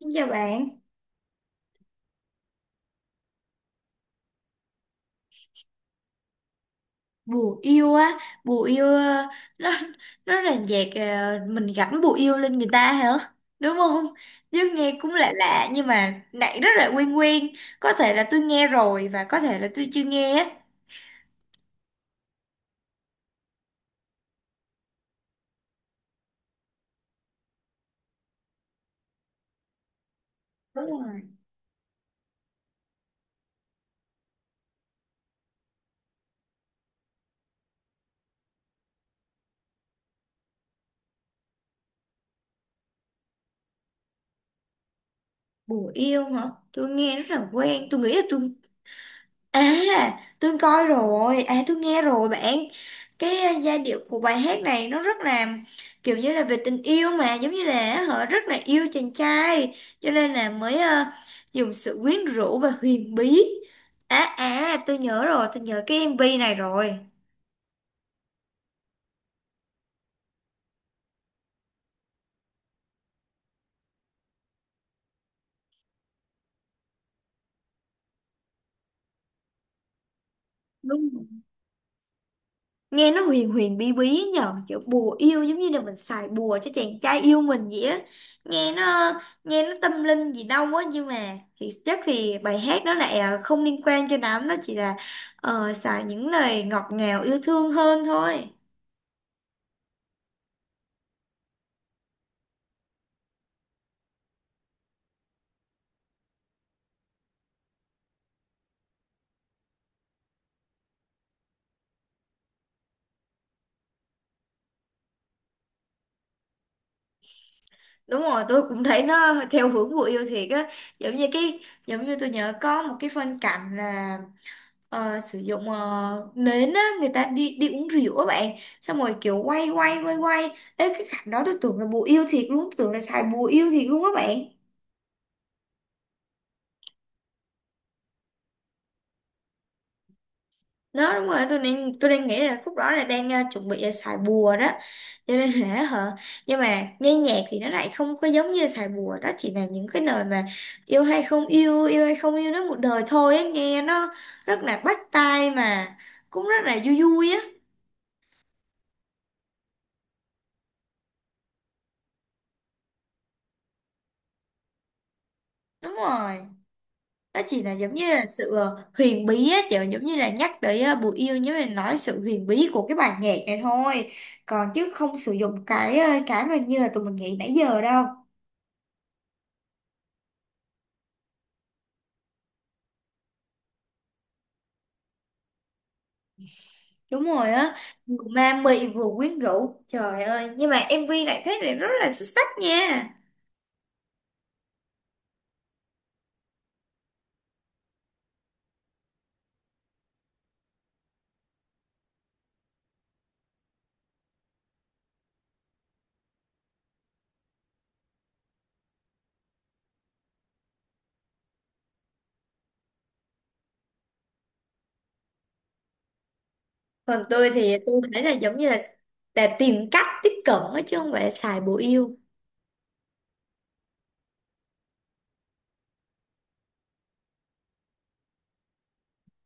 Xin chào bạn. Bùa yêu á? Bùa yêu, nó nó là nhạc, mình gắn bùa yêu lên người ta hả, đúng không? Chứ nghe cũng lạ lạ nhưng mà nãy rất là quen quen. Có thể là tôi nghe rồi và có thể là tôi chưa nghe á. Đúng rồi. Bùa yêu hả? Tôi nghe rất là quen, tôi nghĩ là tôi... À, tôi coi rồi, à tôi nghe rồi bạn. Cái giai điệu của bài hát này nó rất là kiểu như là về tình yêu mà, giống như là họ rất là yêu chàng trai, cho nên là mới dùng sự quyến rũ và huyền bí. À, tôi nhớ rồi, tôi nhớ cái MV này rồi. Đúng, nghe nó huyền huyền bí bí nhờ, kiểu bùa yêu giống như là mình xài bùa cho chàng trai yêu mình vậy á. Nghe nó, nghe nó tâm linh gì đâu á, nhưng mà thì chắc thì bài hát đó lại không liên quan cho lắm, nó chỉ là xài những lời ngọt ngào yêu thương hơn thôi. Đúng rồi, tôi cũng thấy nó theo hướng bùa yêu thiệt á. Giống như cái, giống như tôi nhớ có một cái phân cảnh là sử dụng nến á, người ta đi đi uống rượu á bạn, xong rồi kiểu quay quay quay quay. Ê, cái cảnh đó tôi tưởng là bùa yêu thiệt luôn, tôi tưởng là xài bùa yêu thiệt luôn á bạn. Đó đúng rồi, tôi đang nghĩ là khúc đó là đang chuẩn bị là xài bùa đó, cho nên là hả. Nhưng mà nghe nhạc thì nó lại không có giống như là xài bùa đó, chỉ là những cái lời mà yêu hay không yêu nó một đời thôi á, nghe nó rất là bắt tai mà cũng rất là vui vui á. Đúng rồi, nó chỉ là giống như là sự huyền bí á, kiểu giống như là nhắc tới bùi yêu nhưng mà nói sự huyền bí của cái bài nhạc này thôi. Còn chứ không sử dụng cái cái mà như là tụi mình nghĩ nãy giờ đâu. Đúng rồi á, vừa ma mị vừa quyến rũ, trời ơi, nhưng mà MV này thấy thì rất là xuất sắc nha. Còn tôi thì tôi thấy là giống như là tìm cách tiếp cận á chứ không phải là xài bùi yêu.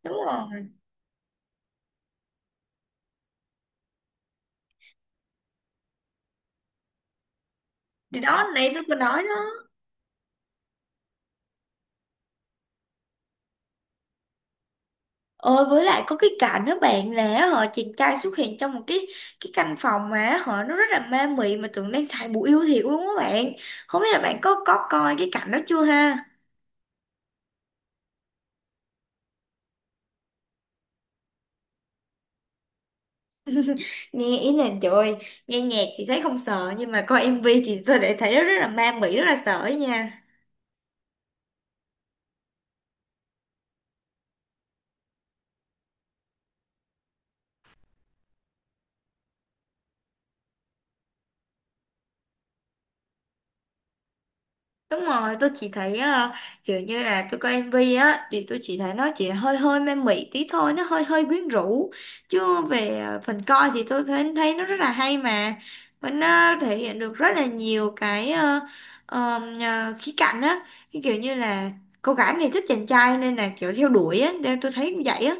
Đúng rồi, thì đó nãy tôi có nói đó. Ôi với lại có cái cảnh đó bạn, là họ chàng trai xuất hiện trong một cái căn phòng mà họ nó rất là ma mị, mà tưởng đang xài bùa yêu thiệt luôn á bạn. Không biết là bạn có coi cái cảnh đó chưa ha. Nghe ý là trời ơi, nghe nhạc thì thấy không sợ, nhưng mà coi MV thì tôi lại thấy nó rất là ma mị, rất là sợ ấy nha. Đúng rồi, tôi chỉ thấy kiểu như là tôi coi MV á, thì tôi chỉ thấy nó chỉ hơi hơi man mị tí thôi, nó hơi hơi quyến rũ. Chứ về phần coi thì tôi thấy thấy nó rất là hay mà. Và nó thể hiện được rất là nhiều cái ờ, khía cạnh á. Cái kiểu như là cô gái này thích chàng trai nên là kiểu theo đuổi á, nên tôi thấy cũng vậy á.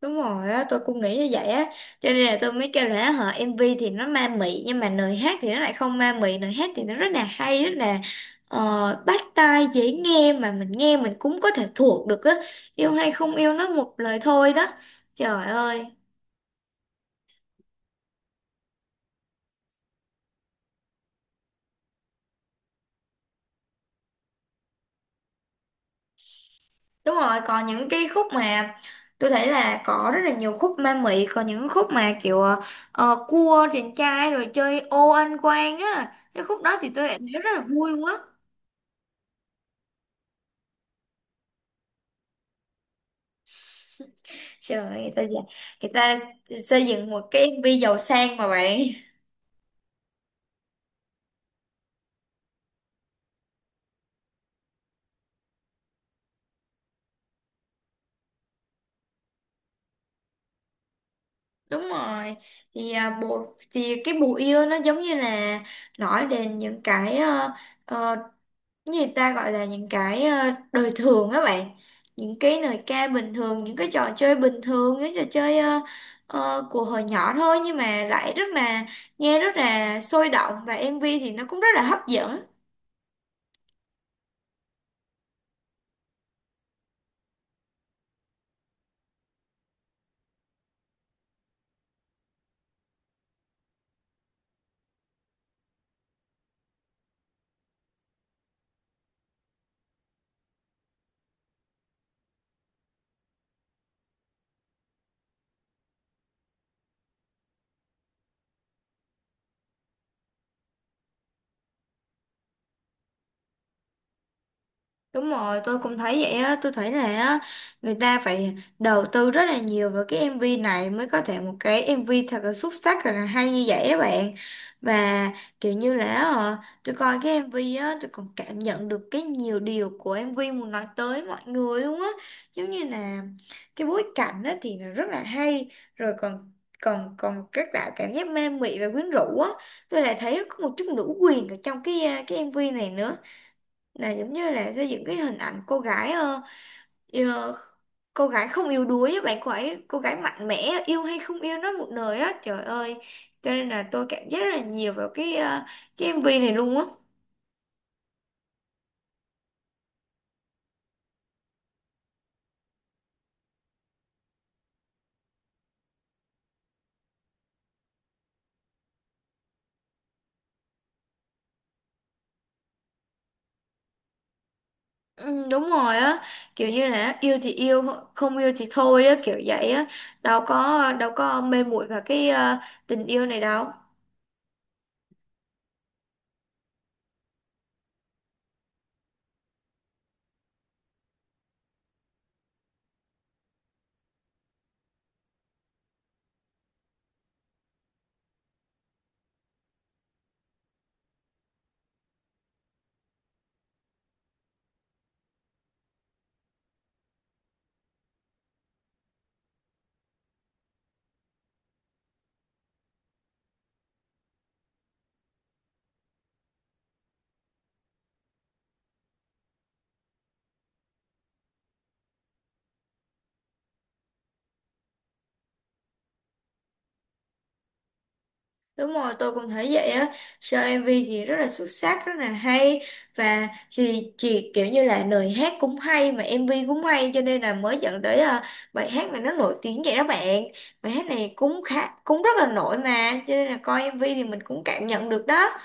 Đúng rồi á, tôi cũng nghĩ như vậy á. Cho nên là tôi mới kêu là hả, MV thì nó ma mị, nhưng mà lời hát thì nó lại không ma mị. Lời hát thì nó rất là hay, rất là bắt tai, dễ nghe, mà mình nghe mình cũng có thể thuộc được á. Yêu hay không yêu nó một lời thôi đó. Trời ơi. Đúng rồi, còn những cái khúc mà tôi thấy là có rất là nhiều khúc ma mị. Còn những khúc mà kiểu cua chàng trai rồi chơi ô anh quan á, cái khúc đó thì tôi lại thấy rất là vui luôn á. Trời ơi, người ta người ta xây dựng một cái MV giàu sang mà bạn. Đúng rồi. Thì à, bộ thì cái bùa yêu nó giống như là nói đến những cái ờ, như người ta gọi là những cái đời thường á bạn. Những cái lời ca bình thường, những cái trò chơi bình thường, những trò chơi của hồi nhỏ thôi, nhưng mà lại rất là nghe rất là sôi động, và MV thì nó cũng rất là hấp dẫn. Đúng rồi, tôi cũng thấy vậy á, tôi thấy là á, người ta phải đầu tư rất là nhiều vào cái MV này mới có thể một cái MV thật là xuất sắc thật là hay như vậy á bạn. Và kiểu như là tôi coi cái MV á, tôi còn cảm nhận được cái nhiều điều của MV muốn nói tới mọi người luôn á. Giống như là cái bối cảnh á thì nó rất là hay, rồi còn còn còn các tạo cảm giác ma mị và quyến rũ á. Tôi lại thấy có một chút nữ quyền ở trong cái MV này nữa, là giống như là xây dựng cái hình ảnh cô gái ờ, cô gái không yếu đuối á bạn, cô ấy cô gái mạnh mẽ á, yêu hay không yêu nó một đời á, trời ơi. Cho nên là tôi cảm giác rất là nhiều vào cái cái MV này luôn á. Ừ, đúng rồi á, kiểu như là yêu thì yêu, không yêu thì thôi á, kiểu vậy á. Đâu có mê muội vào cái tình yêu này đâu. Đúng rồi, tôi cũng thấy vậy á. Show MV thì rất là xuất sắc, rất là hay, và thì chị kiểu như là lời hát cũng hay mà MV cũng hay, cho nên là mới dẫn tới à, bài hát này nó nổi tiếng vậy đó bạn. Bài hát này cũng khá cũng rất là nổi mà, cho nên là coi MV thì mình cũng cảm nhận được đó.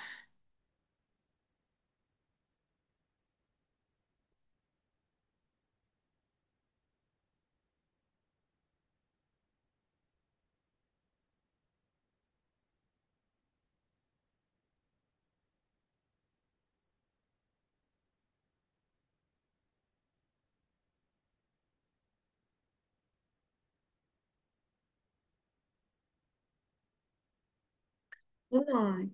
Đúng rồi.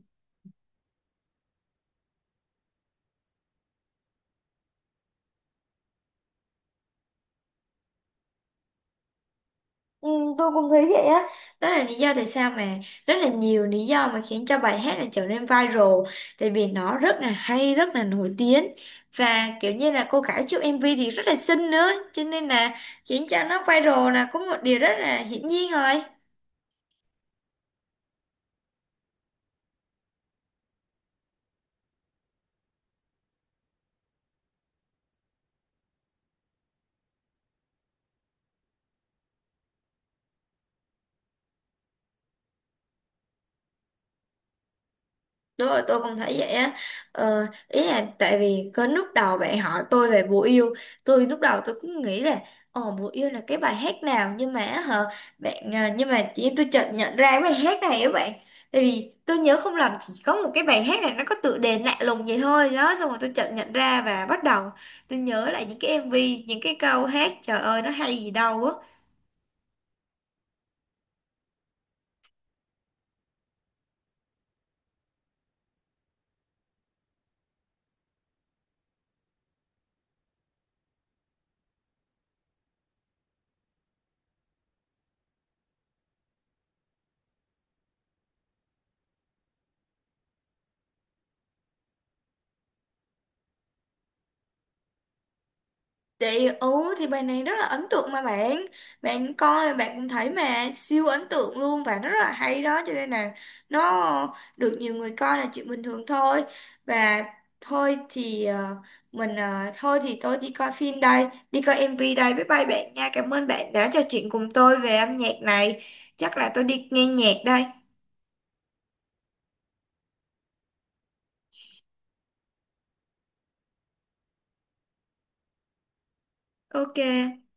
Ừ, tôi cũng thấy vậy á, đó là lý do tại sao mà, rất là nhiều lý do mà khiến cho bài hát này trở nên viral. Tại vì nó rất là hay rất là nổi tiếng, và kiểu như là cô gái trong MV thì rất là xinh nữa, cho nên là khiến cho nó viral là có một điều rất là hiển nhiên rồi. Đúng rồi, tôi cũng thấy vậy á. Ờ, ý là tại vì có lúc đầu bạn hỏi tôi về Bùa Yêu, lúc đầu tôi cũng nghĩ là ồ, Bùa Yêu là cái bài hát nào, nhưng mà á hả bạn, nhưng mà chị tôi chợt nhận ra cái bài hát này á bạn. Tại vì tôi nhớ không lầm chỉ có một cái bài hát này nó có tựa đề lạ lùng vậy thôi đó, xong rồi tôi chợt nhận ra và bắt đầu tôi nhớ lại những cái MV, những cái câu hát, trời ơi nó hay gì đâu á. Chị, ừ thì bài này rất là ấn tượng mà bạn. Bạn coi bạn cũng thấy mà siêu ấn tượng luôn và rất là hay đó. Cho nên là nó được nhiều người coi là chuyện bình thường thôi. Và thôi thì thôi thì tôi đi coi phim đây, đi coi MV đây, bye bye bạn nha. Cảm ơn bạn đã trò chuyện cùng tôi về âm nhạc này. Chắc là tôi đi nghe nhạc đây. Ok.